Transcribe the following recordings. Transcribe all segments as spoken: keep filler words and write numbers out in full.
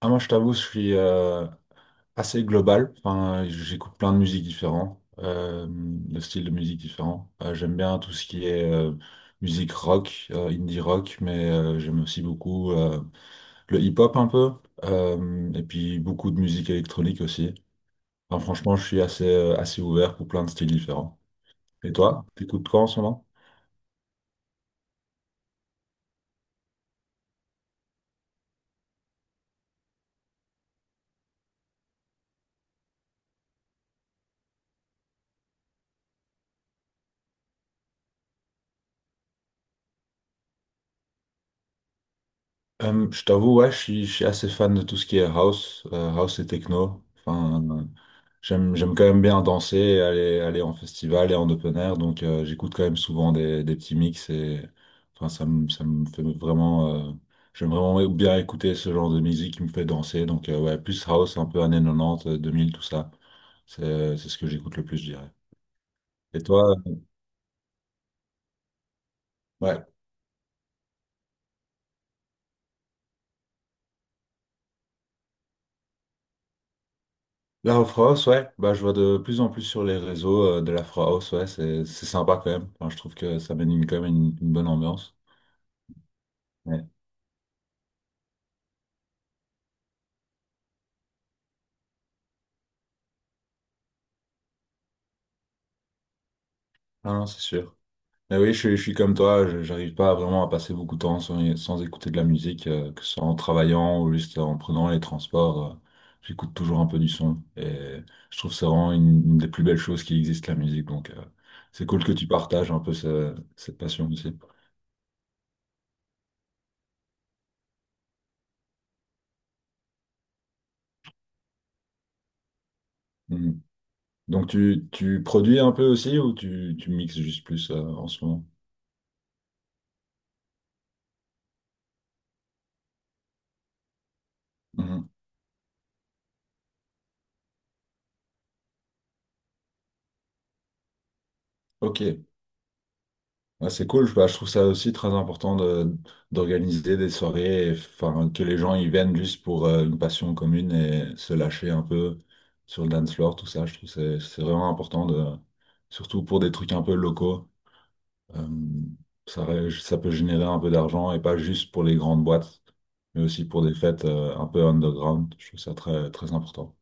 Ah, moi, je t'avoue, je suis euh, assez global. Enfin, euh, j'écoute plein de musiques différentes, euh, de styles de musique différents. Euh, j'aime bien tout ce qui est euh, musique rock, euh, indie rock, mais euh, j'aime aussi beaucoup euh, le hip-hop un peu, euh, et puis beaucoup de musique électronique aussi. Enfin, franchement, je suis assez, euh, assez ouvert pour plein de styles différents. Et toi, t'écoutes quoi en ce moment? Euh, je t'avoue, ouais, je suis, je suis assez fan de tout ce qui est house, euh, house et techno. Enfin, euh, j'aime, j'aime quand même bien danser, et aller, aller en festival et en open air, donc euh, j'écoute quand même souvent des, des petits mix et enfin, ça me, ça me fait vraiment, euh, j'aime vraiment bien écouter ce genre de musique qui me fait danser, donc euh, ouais, plus house, un peu années quatre-vingt-dix, euh, deux mille, tout ça. C'est, c'est ce que j'écoute le plus, je dirais. Et toi? euh, Ouais. La Afro House, ouais, bah, je vois de plus en plus sur les réseaux euh, de la Afro House, ouais, c'est c'est sympa quand même. Enfin, je trouve que ça mène une- quand même une, une bonne ambiance. Ouais. Ah non, c'est sûr. Mais oui, je, suis je suis comme toi, je- j'arrive pas vraiment à passer beaucoup de temps sans, sans écouter de la musique, euh, que ce soit en travaillant ou juste en prenant les transports. Euh, j'écoute toujours un peu du son et je trouve que c'est vraiment une, une des plus belles choses qui existent, la musique. Donc, euh, c'est cool que tu partages un peu ce- cette passion aussi. Mm. Donc tu, tu produis un peu aussi ou tu, tu mixes juste plus euh, en ce moment? Mhm. Ok, ah, c'est cool. Bah, je trouve ça aussi très important de, d'organiser des soirées, et, enfin, que les gens y viennent juste pour euh, une passion commune et se lâcher un peu sur le dance floor, tout ça. Je trouve que c'est c'est vraiment important, de, surtout pour des trucs un peu locaux. Euh, ça, ré- Ça peut générer un peu d'argent et pas juste pour les grandes boîtes, mais aussi pour des fêtes euh, un peu underground. Je trouve ça très, très important.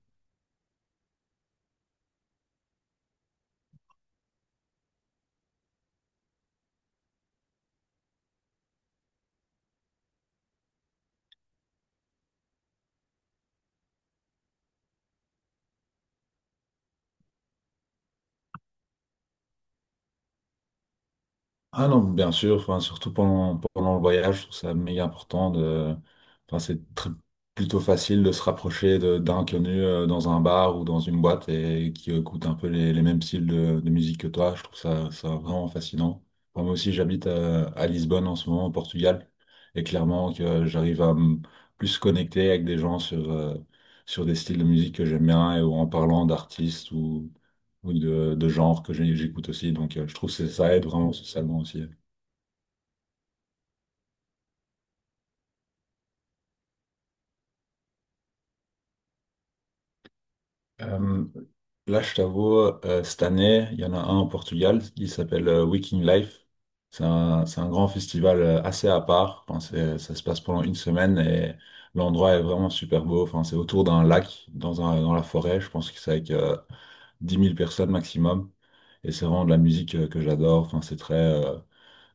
Ah non, bien sûr, enfin, surtout pendant, pendant le voyage, je trouve ça méga important de, enfin, c'est très- plutôt facile de se rapprocher de- d'inconnus euh, dans un bar ou dans une boîte et qui écoute un peu les, les mêmes styles de, de musique que toi. Je trouve ça, ça vraiment fascinant. Enfin, moi aussi, j'habite à, à Lisbonne en ce moment, au Portugal, et clairement que j'arrive à me plus connecter avec des gens sur, euh, sur des styles de musique que j'aime bien et, ou en parlant d'artistes ou ou de, de genre que j'ai- j'écoute aussi. Donc, euh, je trouve que ça aide vraiment socialement aussi. Euh, Là, je t'avoue, euh, cette année, il y en a un au Portugal, il s'appelle euh, Waking Life. C'est un, c'est un grand festival euh, assez à part. Enfin, c'est- ça se passe pendant une semaine et l'endroit est vraiment super beau. Enfin, c'est autour d'un lac, dans un, dans la forêt. Je pense que c'est avec euh, dix mille personnes maximum. Et c'est vraiment de la musique euh, que j'adore. Enfin, c'est très, euh,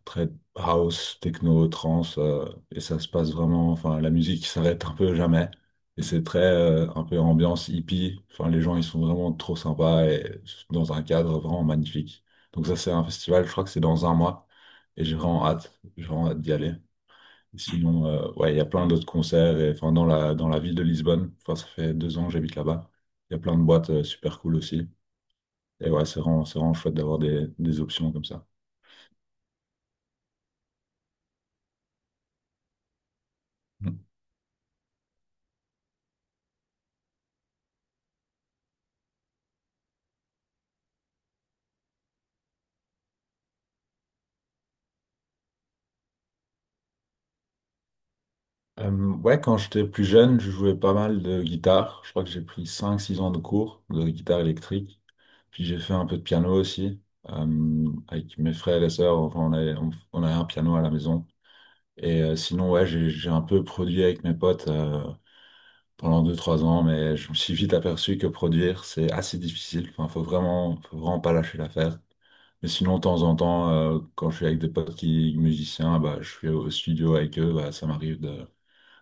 très house, techno, trance, euh, et ça se passe vraiment, enfin, la musique s'arrête un peu jamais, et c'est très, euh, un peu ambiance hippie, enfin, les gens, ils sont vraiment trop sympas, et dans un cadre vraiment magnifique. Donc ça, c'est un festival, je crois que c'est dans un mois, et j'ai vraiment hâte, j'ai vraiment hâte d'y aller. Sinon, euh, ouais, il y a plein d'autres concerts, et enfin, dans la, dans la ville de Lisbonne, enfin, ça fait deux ans que j'habite là-bas, il y a plein de boîtes, euh, super cool aussi, et ouais, c'est vraiment, c'est vraiment chouette d'avoir des, des options comme ça. Mm. Euh, ouais, quand j'étais plus jeune, je jouais pas mal de guitare. Je crois que j'ai pris cinq six ans de cours de guitare électrique. Puis j'ai fait un peu de piano aussi. Euh, avec mes frères et les sœurs, enfin, on avait, on, on avait un piano à la maison. Et euh, sinon, ouais, j'ai, j'ai un peu produit avec mes potes euh, pendant deux trois ans, mais je me suis vite aperçu que produire, c'est assez difficile. Enfin, faut vraiment, faut vraiment pas lâcher l'affaire. Mais sinon, de temps en temps, euh, quand je suis avec des potes qui musiciens, bah, je suis au studio avec eux, bah, ça m'arrive de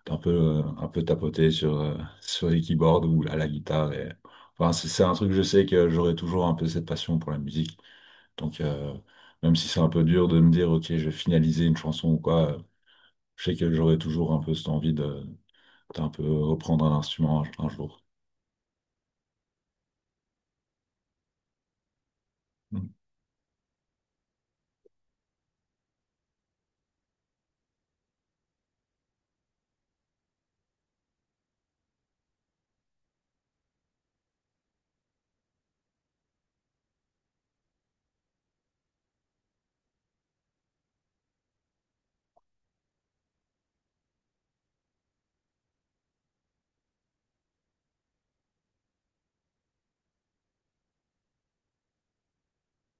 un peu, euh, un peu tapoter sur, euh, sur les keyboards ou à la guitare. Et... Enfin, c'est c'est un truc, je sais que j'aurai toujours un peu cette passion pour la musique. Donc, euh, même si c'est un peu dur de me dire, OK, je vais finaliser une chanson ou quoi, euh, je sais que j'aurai toujours un peu cette envie de, d'un peu reprendre un instrument un, un jour.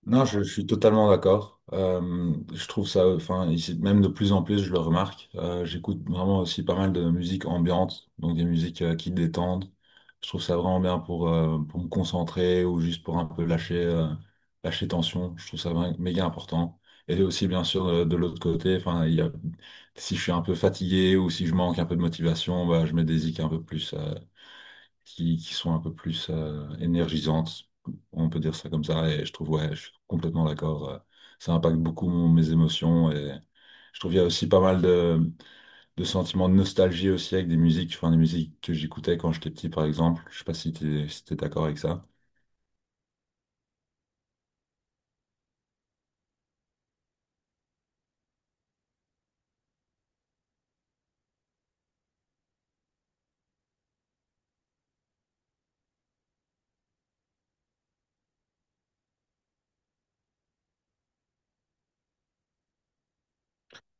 Non, je, je suis totalement d'accord. Euh, je trouve ça, enfin, ici- même de plus en plus, je le remarque. Euh, j'écoute vraiment aussi pas mal de musique ambiante, donc des musiques euh, qui détendent. Je trouve ça vraiment bien pour, euh, pour me concentrer ou juste pour un peu lâcher, euh, lâcher tension. Je trouve ça vra- méga important. Et aussi, bien sûr, euh, de, l'autre côté, enfin, il y a, si je suis un peu fatigué ou si je manque un peu de motivation, bah, je mets des zik un peu plus, euh, qui, qui sont un peu plus euh, énergisantes, on peut dire ça comme ça, et je trouve, ouais, je suis complètement d'accord, euh, ça impacte beaucoup mon- mes émotions, et je trouve qu'il y a aussi pas mal de, de sentiments de nostalgie aussi avec des musiques, enfin des musiques que j'écoutais quand j'étais petit par exemple, je sais pas si t'es, si t'es d'accord avec ça.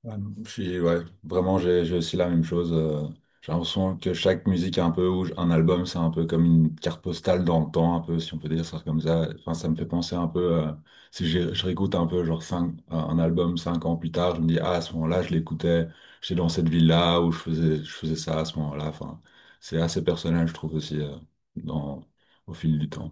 Ouais, je suis- ouais, vraiment, j'ai j'ai aussi la même chose. Euh, j'ai l'impression que chaque musique est un peu, ou un album, c'est un peu comme une carte postale dans le temps, un peu, si on peut dire ça comme ça. Enfin, ça me fait penser un peu, euh, si je je réécoute un peu, genre, cinq, un un album cinq ans plus tard, je me dis, ah, à ce moment-là, je l'écoutais, j'étais dans cette ville-là, où je faisais, je faisais ça à ce moment-là. Enfin, c'est assez personnel, je trouve aussi, euh, dans, au fil du temps.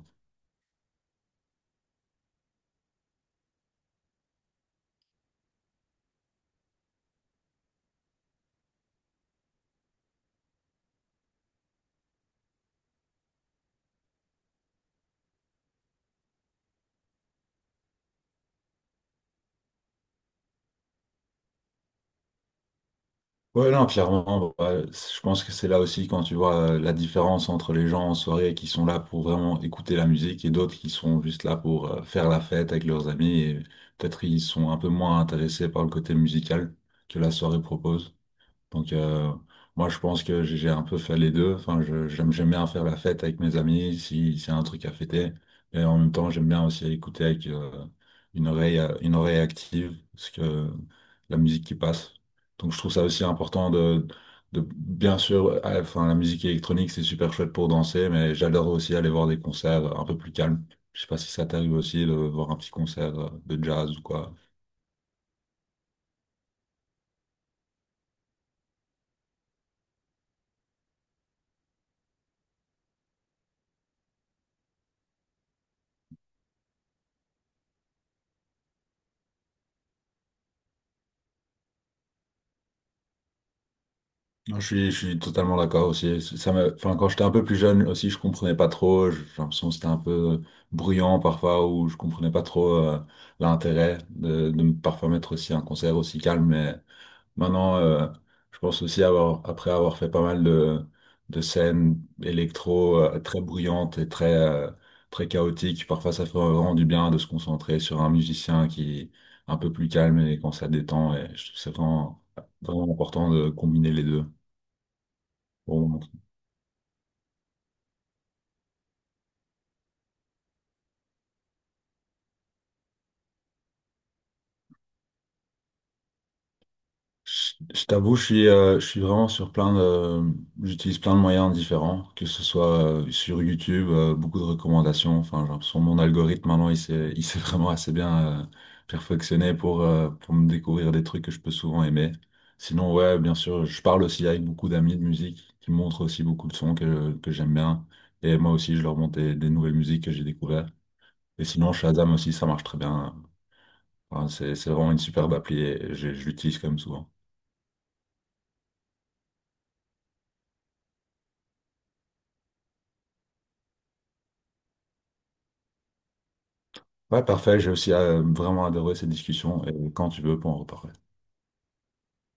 Ouais, non, clairement, ouais, c- je pense que c'est là aussi quand tu vois euh, la différence entre les gens en soirée qui sont là pour vraiment écouter la musique et d'autres qui sont juste là pour euh, faire la fête avec leurs amis et peut-être ils sont un peu moins intéressés par le côté musical que la soirée propose. Donc, euh, moi, je pense que j'ai j'ai un peu fait les deux. Enfin, je- j'aime, j'aime bien faire la fête avec mes amis si c'est un truc à fêter. Et en même temps, j'aime bien aussi écouter avec euh, une oreille, euh, une oreille active, parce que la musique qui passe. Donc, je trouve ça aussi important de, de bien sûr, euh, enfin, la musique électronique, c'est super chouette pour danser, mais j'adore aussi aller voir des concerts un peu plus calmes. Je sais pas si ça t'arrive aussi de voir un petit concert euh, de jazz ou quoi. Non, Je suis, je suis totalement d'accord aussi. Ça me, enfin, quand j'étais un peu plus jeune aussi, je comprenais pas trop. J'ai l'impression que c'était un peu euh, bruyant parfois, ou je comprenais pas trop euh, l'intérêt de, de me parfois mettre aussi un concert aussi calme. Mais maintenant, euh, je pense aussi avoir, après avoir fait pas mal de, de scènes électro euh, très bruyantes et très, euh, très chaotiques, parfois ça fait vraiment du bien de se concentrer sur un musicien qui est un peu plus calme et quand ça détend. Et je trouve que c'est vraiment, vraiment important de combiner les deux. Bon, je, je t'avoue, je suis, euh, je suis vraiment sur plein de, j'utilise plein de moyens différents, que ce soit euh, sur YouTube, euh, beaucoup de recommandations. Enfin, j'ai l'impression que mon algorithme maintenant, il s'est, il s'est vraiment assez bien euh, perfectionné pour, euh, pour me découvrir des trucs que je peux souvent aimer. Sinon, ouais, bien sûr, je parle aussi avec beaucoup d'amis de musique qui me montrent aussi beaucoup de sons que, que j'aime bien. Et moi aussi, je leur montre des, des nouvelles musiques que j'ai découvertes. Et sinon, Shazam aussi, ça marche très bien. Enfin, c'est, c'est vraiment une superbe appli et je je l'utilise quand même souvent. Ouais, parfait. J'ai aussi euh, vraiment adoré cette discussion et quand tu veux, on peut en reparler.